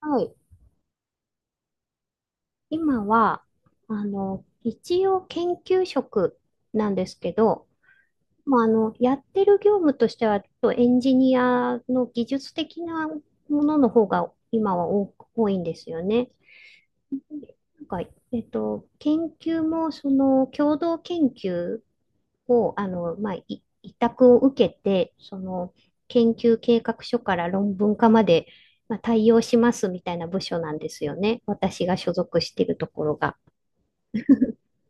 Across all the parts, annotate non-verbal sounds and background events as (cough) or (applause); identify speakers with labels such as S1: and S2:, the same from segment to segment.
S1: はい。今は、一応研究職なんですけど、まあ、やってる業務としては、ちょっとエンジニアの技術的なものの方が今は多いんですよね。なんか、研究も、その、共同研究を、まあ、委託を受けて、その、研究計画書から論文化まで、まあ、対応しますみたいな部署なんですよね。私が所属しているところが。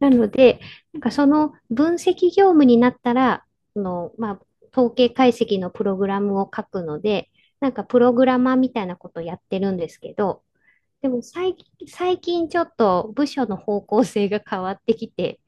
S1: なので、なんかその分析業務になったら、まあ、統計解析のプログラムを書くので、なんかプログラマーみたいなことをやってるんですけど、でも最近ちょっと部署の方向性が変わってきて、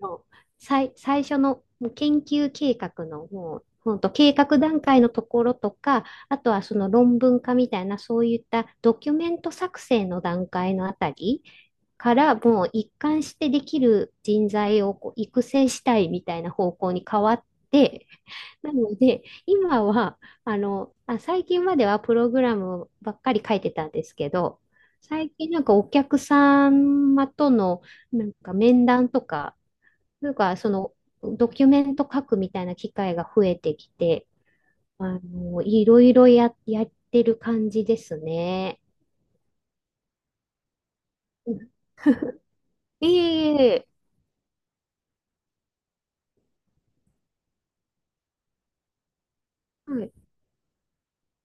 S1: もう最初のもう研究計画のもう、ほんと計画段階のところとか、あとはその論文化みたいな、そういったドキュメント作成の段階のあたりからもう一貫してできる人材をこう育成したいみたいな方向に変わって、なので今は最近まではプログラムばっかり書いてたんですけど、最近なんかお客様とのなんか面談とか、なんかそのドキュメント書くみたいな機会が増えてきて、いろいろやってる感じですね。うん。いえいえいえ。はい。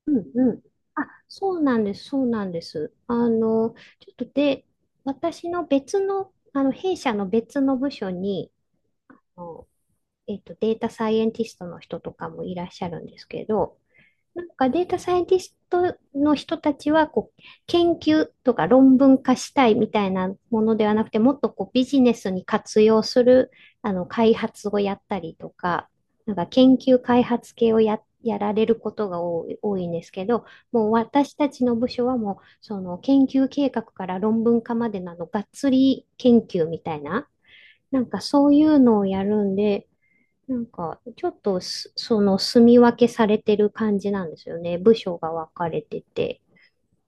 S1: うんうん。あ、そうなんです、そうなんです。ちょっとで、私の別の、弊社の別の部署に、あのデータサイエンティストの人とかもいらっしゃるんですけど、なんかデータサイエンティストの人たちはこう研究とか論文化したいみたいなものではなくて、もっとこうビジネスに活用する開発をやったりとか、なんか研究開発系をやられることが多いんですけど、もう私たちの部署はもうその研究計画から論文化までなのがっつり研究みたいな、なんかそういうのをやるんで、なんか、ちょっとその、住み分けされてる感じなんですよね。部署が分かれてて。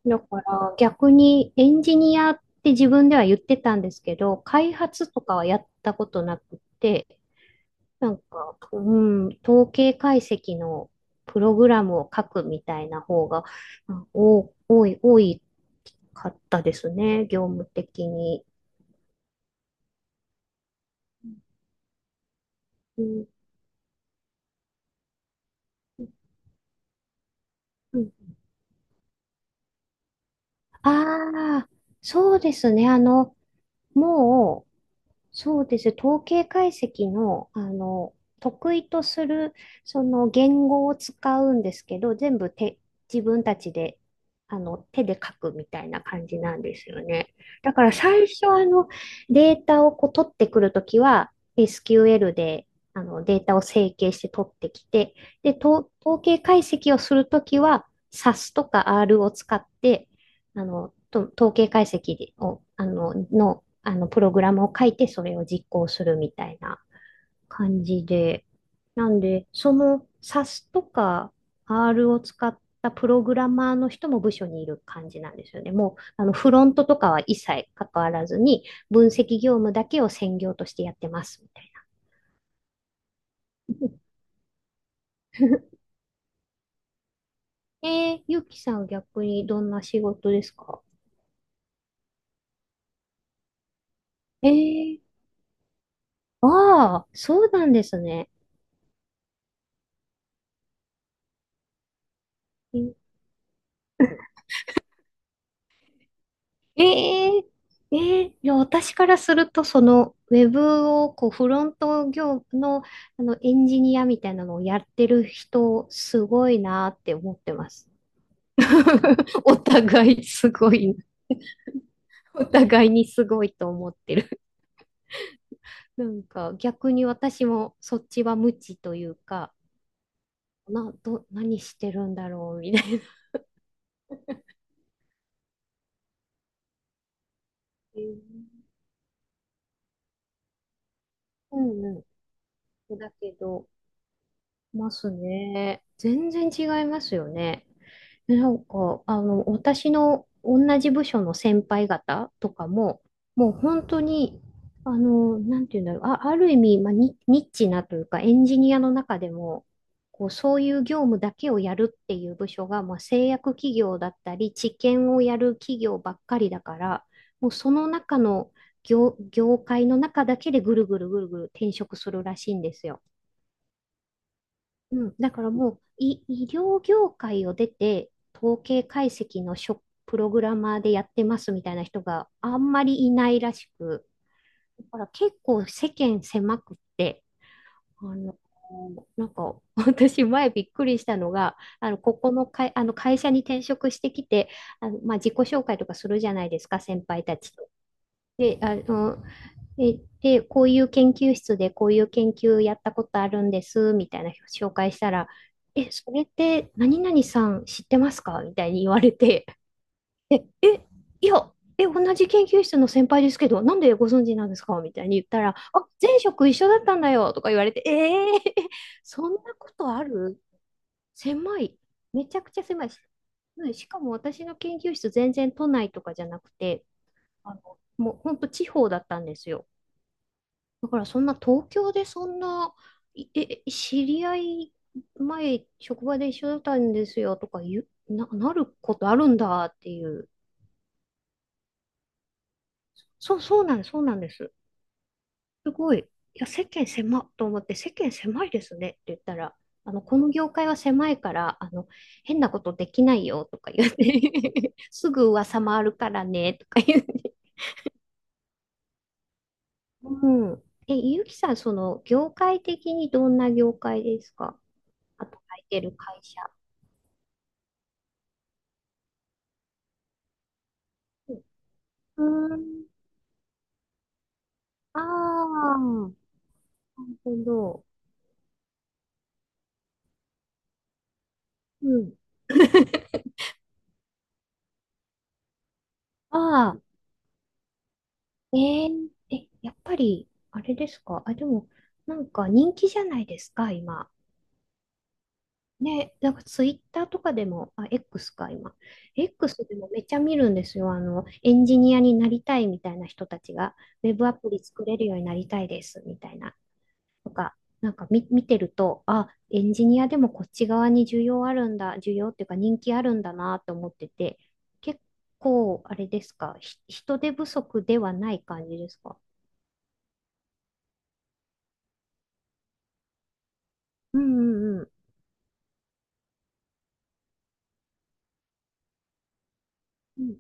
S1: だから、逆にエンジニアって自分では言ってたんですけど、開発とかはやったことなくて、なんか、統計解析のプログラムを書くみたいな方が、うんお、多いかったですね。業務的に。うん、うんああ、そうですね。もう、そうです。統計解析の、得意とする、その言語を使うんですけど、全部自分たちで、手で書くみたいな感じなんですよね。だから最初、データをこう取ってくるときは、SQL で、データを整形して取ってきて、で、統計解析をするときは、SAS とか R を使って、統計解析を、あの、の、あの、プログラムを書いて、それを実行するみたいな感じで、なんで、その SAS とか R を使ったプログラマーの人も部署にいる感じなんですよね。もう、フロントとかは一切関わらずに、分析業務だけを専業としてやってます、みたいな。(laughs) ゆきさんは逆にどんな仕事ですか？えー、ああ、そうなんですね。えええええいや、私からすると、その、ウェブを、こう、フロント業の、エンジニアみたいなのをやってる人、すごいなって思ってます。(laughs) お互いすごい、お互いにすごいと思ってる。なんか、逆に私も、そっちは無知というか、何してるんだろう、みたいな。えーうんうん。だけど、ますね。全然違いますよね。なんか、私の同じ部署の先輩方とかも、もう本当に、なんていうんだろう、あ、ある意味、まあ、ニッチなというか、エンジニアの中でも、こう、そういう業務だけをやるっていう部署が、まあ、製薬企業だったり、治験をやる企業ばっかりだから、もうその中の業界の中だけでぐるぐるぐるぐる転職するらしいんですよ。うん、だからもう医療業界を出て、統計解析のプログラマーでやってますみたいな人があんまりいないらしく、だから結構世間狭くって、あの、なんか (laughs) 私前びっくりしたのが、ここの会、あの会社に転職してきて、まあ、自己紹介とかするじゃないですか、先輩たちと。で、こういう研究室でこういう研究やったことあるんです、みたいな紹介したら、え、それって何々さん知ってますかみたいに言われて、え、え、いや、同じ研究室の先輩ですけど、なんでご存知なんですかみたいに言ったら、あ、前職一緒だったんだよとか言われて、(laughs) そんなことある？狭い。めちゃくちゃ狭いし。うん。しかも私の研究室全然都内とかじゃなくて、もう本当地方だったんですよ。だからそんな東京でそんな、いえ、え知り合い前、職場で一緒だったんですよとか言う、なることあるんだっていう。そうなんです、そうなんです。すごい。いや、世間狭っと思って、世間狭いですねって言ったら、この業界は狭いから、変なことできないよとか言って (laughs) すぐ噂回るからねとか言って。うん。え、ゆきさん、その、業界的にどんな業界ですか？働いてる会社。うーん。ああ、なるほど。うん。あ (laughs) やっぱり、あれですか？あ、でも、なんか人気じゃないですか、今？ね、なんかツイッターとかでも、あ、X か、今。X でもめっちゃ見るんですよ。エンジニアになりたいみたいな人たちが、ウェブアプリ作れるようになりたいです、みたいな。とか、なんか見てると、あ、エンジニアでもこっち側に需要あるんだ、需要っていうか人気あるんだなと思ってて、結構、あれですか、人手不足ではない感じですか？うんうんうん。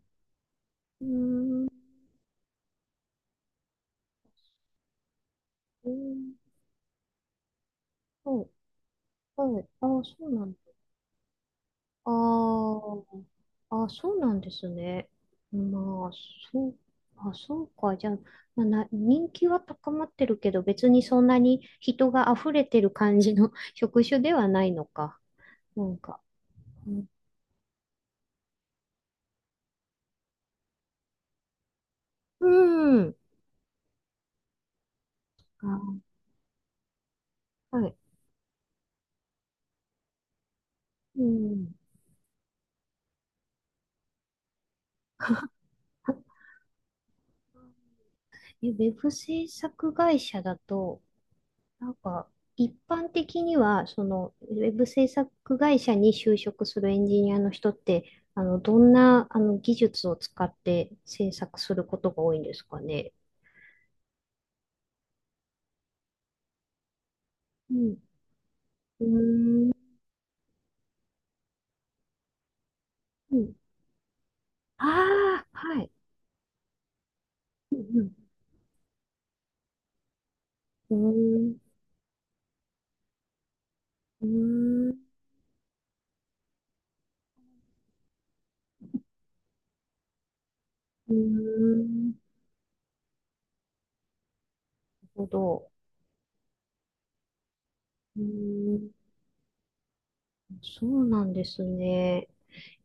S1: うん。うーん。そう、そう、あ、そうなんだ。ああ、あ、そうなんですね。まあ、そう、あ、そうか。じゃあ、まあ、人気は高まってるけど、別にそんなに人が溢れてる感じの (laughs) 職種ではないのか。なんか。うん。あ、はい。うん。あウェブ制作会社だと、なんか、一般的には、その、ウェブ制作会社に就職するエンジニアの人って、どんな、技術を使って制作することが多いんですかね？うん。うーん。ああ、はい。うんうん。うーん。うーん。うーん。なるほど。うーん。そうなんですね。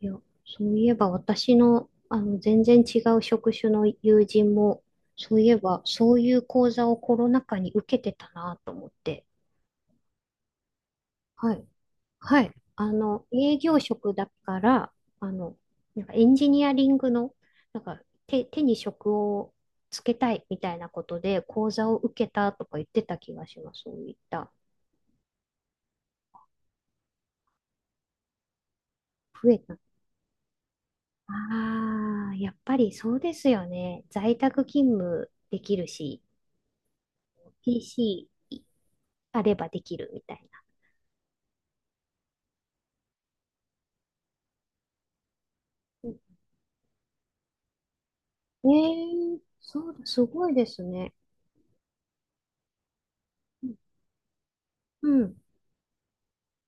S1: いや、そういえば私の、全然違う職種の友人も、そういえば、そういう講座をコロナ禍に受けてたなと思って。はい。はい。営業職だから、あの、なんかエンジニアリングの、なんか手に職をつけたいみたいなことで講座を受けたとか言ってた気がします。そういった。増えた。ああ、やっぱりそうですよね。在宅勤務できるし、PC あればできるみたいな。うん。ええ、そうだ、すごいですね。うん。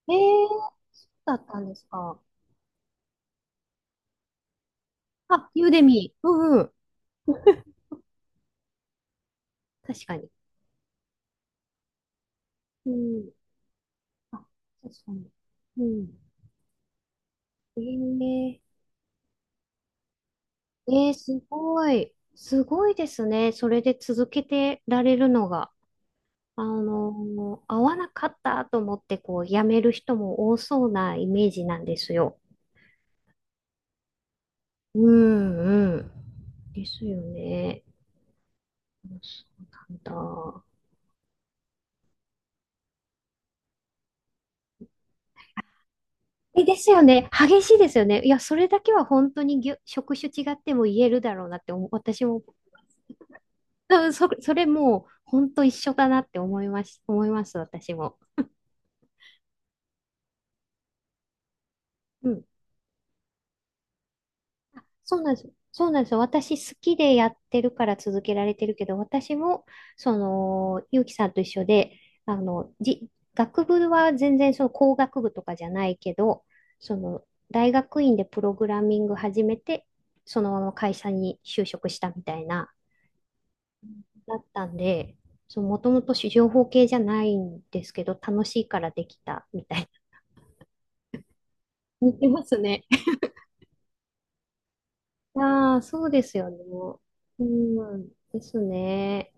S1: ええ、だったんですか？あ、ユーデミー。うんうん。確かに。うん。あ、確かに。うん。ええええ、すごい。すごいですね。それで続けてられるのが。合わなかったと思ってこう辞める人も多そうなイメージなんですよ。うんうん。ですよね。そうなんだ。え、ですよね。激しいですよね。いや、それだけは本当に職種違っても言えるだろうなって思う、私も、うん、それもう本当一緒だなって思います、思います、私も。うん、そうなんです。そうなんですよ。私好きでやってるから続けられてるけど、私も、その、ゆうきさんと一緒で、あの、じ、学部は全然その工学部とかじゃないけど、その、大学院でプログラミング始めて、そのまま会社に就職したみたいな、だったんで、そう、もともと情報系じゃないんですけど、楽しいからできたみたいな。(laughs) 似てますね。ああ、そうですよね。うん、ですね。